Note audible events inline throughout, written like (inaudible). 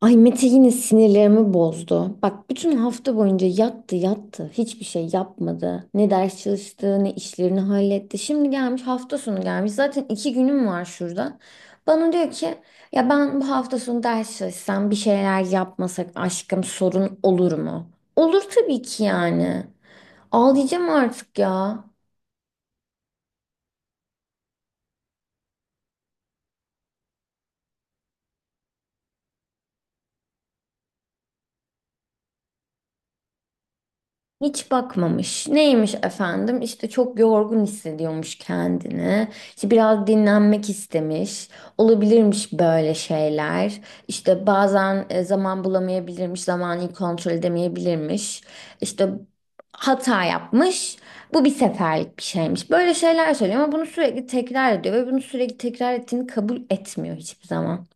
Ay Mete yine sinirlerimi bozdu. Bak bütün hafta boyunca yattı yattı. Hiçbir şey yapmadı. Ne ders çalıştı ne işlerini halletti. Şimdi gelmiş hafta sonu gelmiş. Zaten iki günüm var şurada. Bana diyor ki ya ben bu hafta sonu ders çalışsam bir şeyler yapmasak aşkım sorun olur mu? Olur tabii ki yani. Ağlayacağım artık ya. Hiç bakmamış. Neymiş efendim? İşte çok yorgun hissediyormuş kendini. İşte biraz dinlenmek istemiş. Olabilirmiş böyle şeyler. İşte bazen zaman bulamayabilirmiş, zamanı kontrol edemeyebilirmiş. İşte hata yapmış. Bu bir seferlik bir şeymiş. Böyle şeyler söylüyor ama bunu sürekli tekrar ediyor ve bunu sürekli tekrar ettiğini kabul etmiyor hiçbir zaman.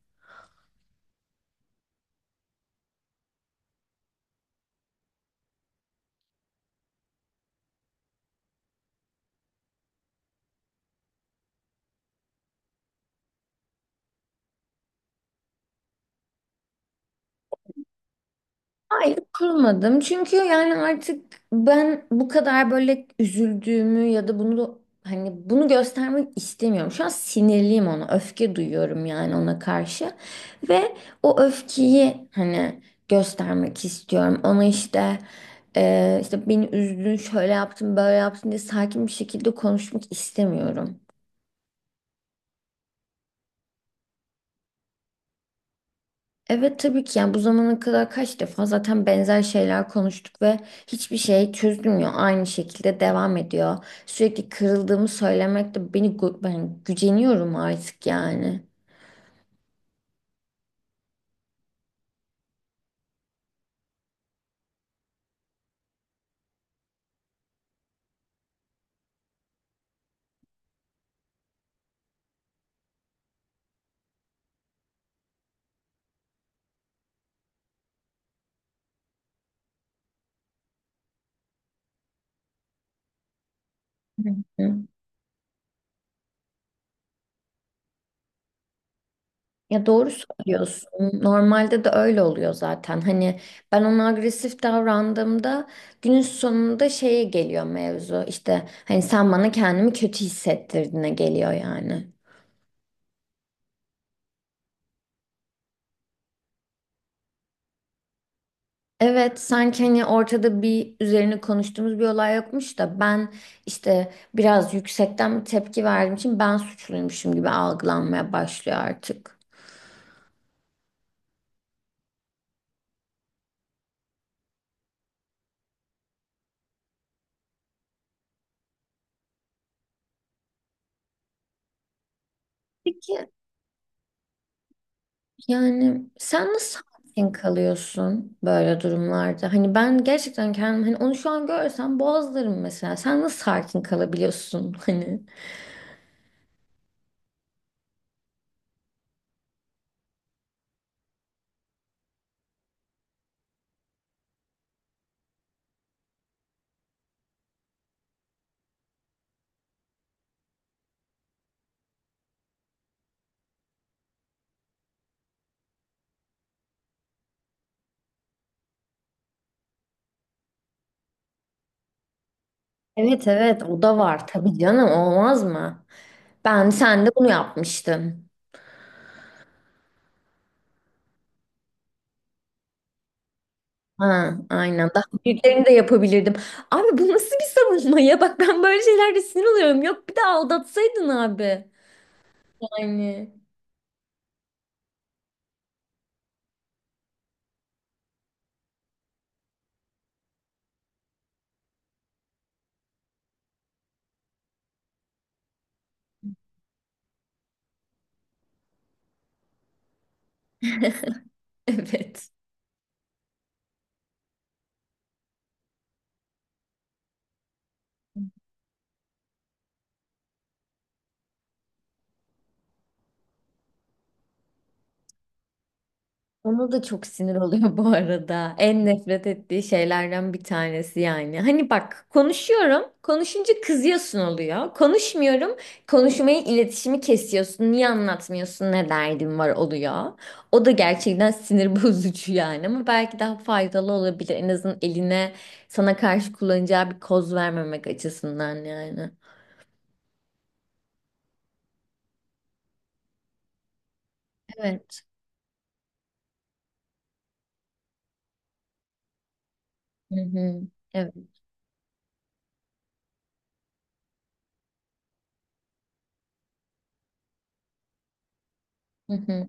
Hayır kurmadım. Çünkü yani artık ben bu kadar böyle üzüldüğümü ya da bunu hani bunu göstermek istemiyorum. Şu an sinirliyim ona. Öfke duyuyorum yani ona karşı. Ve o öfkeyi hani göstermek istiyorum. Ona işte işte beni üzdün, şöyle yaptın, böyle yaptın diye sakin bir şekilde konuşmak istemiyorum. Evet tabii ki yani bu zamana kadar kaç defa zaten benzer şeyler konuştuk ve hiçbir şey çözülmüyor. Aynı şekilde devam ediyor. Sürekli kırıldığımı söylemek de beni ben güceniyorum artık yani. Hı. Ya doğru söylüyorsun. Normalde de öyle oluyor zaten. Hani ben ona agresif davrandığımda günün sonunda şeye geliyor mevzu. İşte hani sen bana kendimi kötü hissettirdiğine geliyor yani. Evet, sanki hani ortada bir üzerine konuştuğumuz bir olay yokmuş da ben işte biraz yüksekten bir tepki verdiğim için ben suçluymuşum gibi algılanmaya başlıyor artık. Peki yani sen nasıl sakin kalıyorsun böyle durumlarda? Hani ben gerçekten kendim hani onu şu an görsem boğazlarım mesela. Sen nasıl sakin kalabiliyorsun (laughs) hani? Evet evet o da var tabii canım olmaz mı? Ben sen de bunu yapmıştın. Ha, aynen. Daha büyüklerini de yapabilirdim. Abi bu nasıl bir savunma ya? Bak ben böyle şeylerde sinir oluyorum. Yok bir de aldatsaydın abi. Yani (laughs) evet. Ona da çok sinir oluyor (laughs) bu arada. En nefret ettiği şeylerden bir tanesi yani. Hani bak konuşuyorum, konuşunca kızıyorsun oluyor. Konuşmuyorum, konuşmayı, iletişimi kesiyorsun. Niye anlatmıyorsun, ne derdin var oluyor. O da gerçekten sinir (laughs) bozucu yani. Ama belki daha faydalı olabilir. En azından eline sana karşı kullanacağı bir koz vermemek açısından yani. Evet. Hı hı. Evet. Hı hı.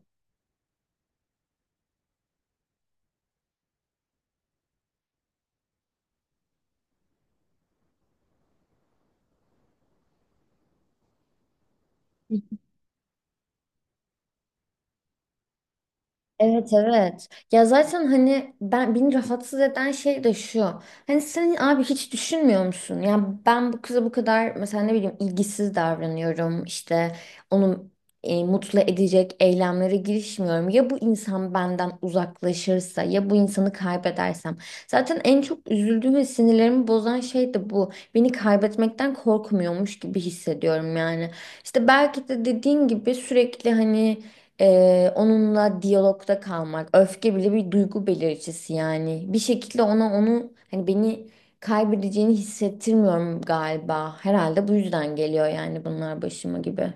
Evet evet. Ya zaten hani ben beni rahatsız eden şey de şu. Hani sen abi hiç düşünmüyor musun? Ya ben bu kıza bu kadar mesela ne bileyim ilgisiz davranıyorum. İşte onu mutlu edecek eylemlere girişmiyorum. Ya bu insan benden uzaklaşırsa ya bu insanı kaybedersem. Zaten en çok üzüldüğüm ve sinirlerimi bozan şey de bu. Beni kaybetmekten korkmuyormuş gibi hissediyorum yani. İşte belki de dediğin gibi sürekli hani onunla diyalogda kalmak. Öfke bile bir duygu belirticisi yani. Bir şekilde ona onu hani beni kaybedeceğini hissettirmiyorum galiba. Herhalde bu yüzden geliyor yani bunlar başıma gibi.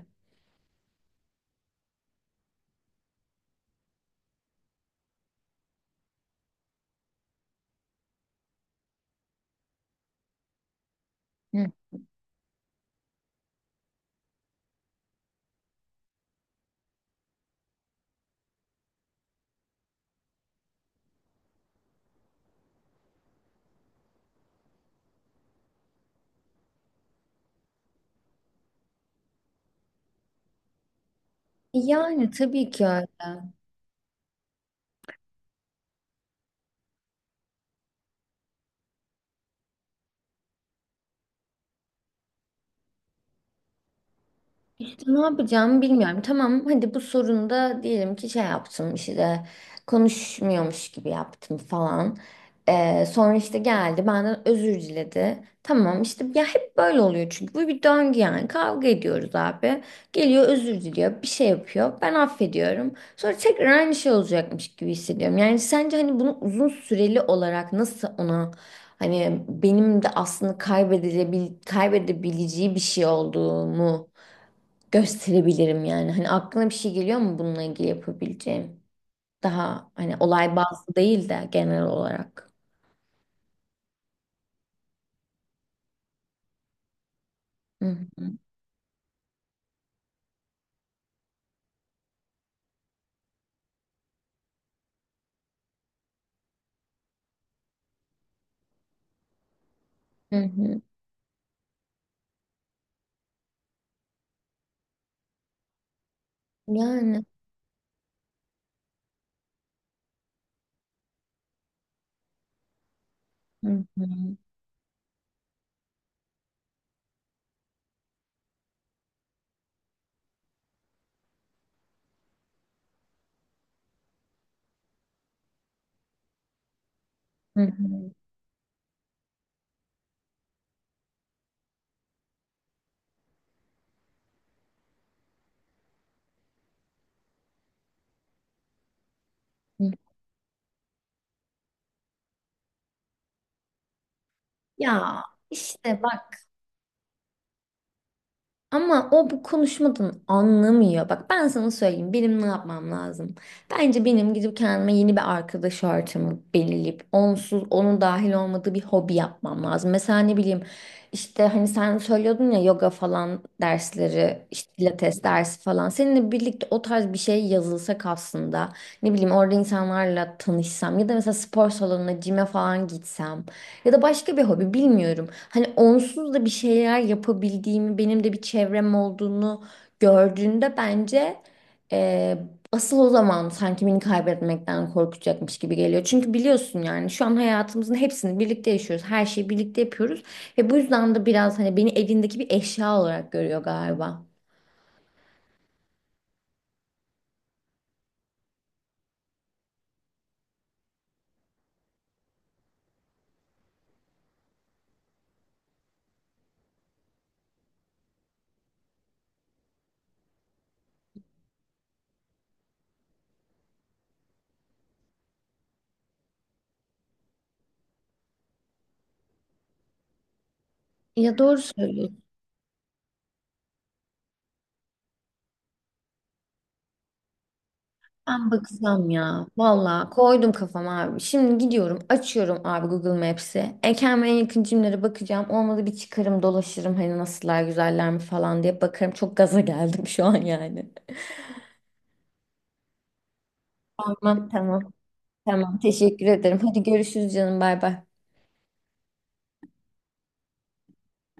Hı. Yani tabii ki öyle. İşte ne yapacağımı bilmiyorum. Tamam hadi bu sorunda diyelim ki şey yaptım işte konuşmuyormuş gibi yaptım falan. Sonra işte geldi benden özür diledi. Tamam işte ya hep böyle oluyor çünkü bu bir döngü yani kavga ediyoruz abi. Geliyor özür diliyor bir şey yapıyor ben affediyorum. Sonra tekrar aynı şey olacakmış gibi hissediyorum. Yani sence hani bunu uzun süreli olarak nasıl ona hani benim de aslında kaybedebileceği bir şey olduğumu gösterebilirim yani. Hani aklına bir şey geliyor mu bununla ilgili yapabileceğim? Daha hani olay bazlı değil de genel olarak. Hı hı. Hı hı. Yani. Hı hı. Hı hı. Hı. Ya işte ama o bu konuşmadan anlamıyor. Bak ben sana söyleyeyim benim ne yapmam lazım. Bence benim gidip kendime yeni bir arkadaş ortamı belirleyip onsuz onun dahil olmadığı bir hobi yapmam lazım. Mesela ne bileyim işte hani sen söylüyordun ya yoga falan dersleri işte pilates dersi falan. Seninle birlikte o tarz bir şey yazılsak aslında ne bileyim orada insanlarla tanışsam ya da mesela spor salonuna cime falan gitsem. Ya da başka bir hobi bilmiyorum. Hani onsuz da bir şeyler yapabildiğimi, benim de bir çevrem olduğunu gördüğünde bence e, asıl o zaman sanki beni kaybetmekten korkacakmış gibi geliyor. Çünkü biliyorsun yani şu an hayatımızın hepsini birlikte yaşıyoruz. Her şeyi birlikte yapıyoruz. Ve bu yüzden de biraz hani beni evindeki bir eşya olarak görüyor galiba. Ya doğru söylüyorsun. Ben bakacağım ya. Valla koydum kafama abi. Şimdi gidiyorum açıyorum abi Google Maps'i. Kendime en yakın cimlere bakacağım. Olmadı bir çıkarım dolaşırım hani nasıllar güzeller mi falan diye bakarım. Çok gaza geldim şu an yani. Tamam tamam. Tamam teşekkür ederim. Hadi görüşürüz canım bay bay.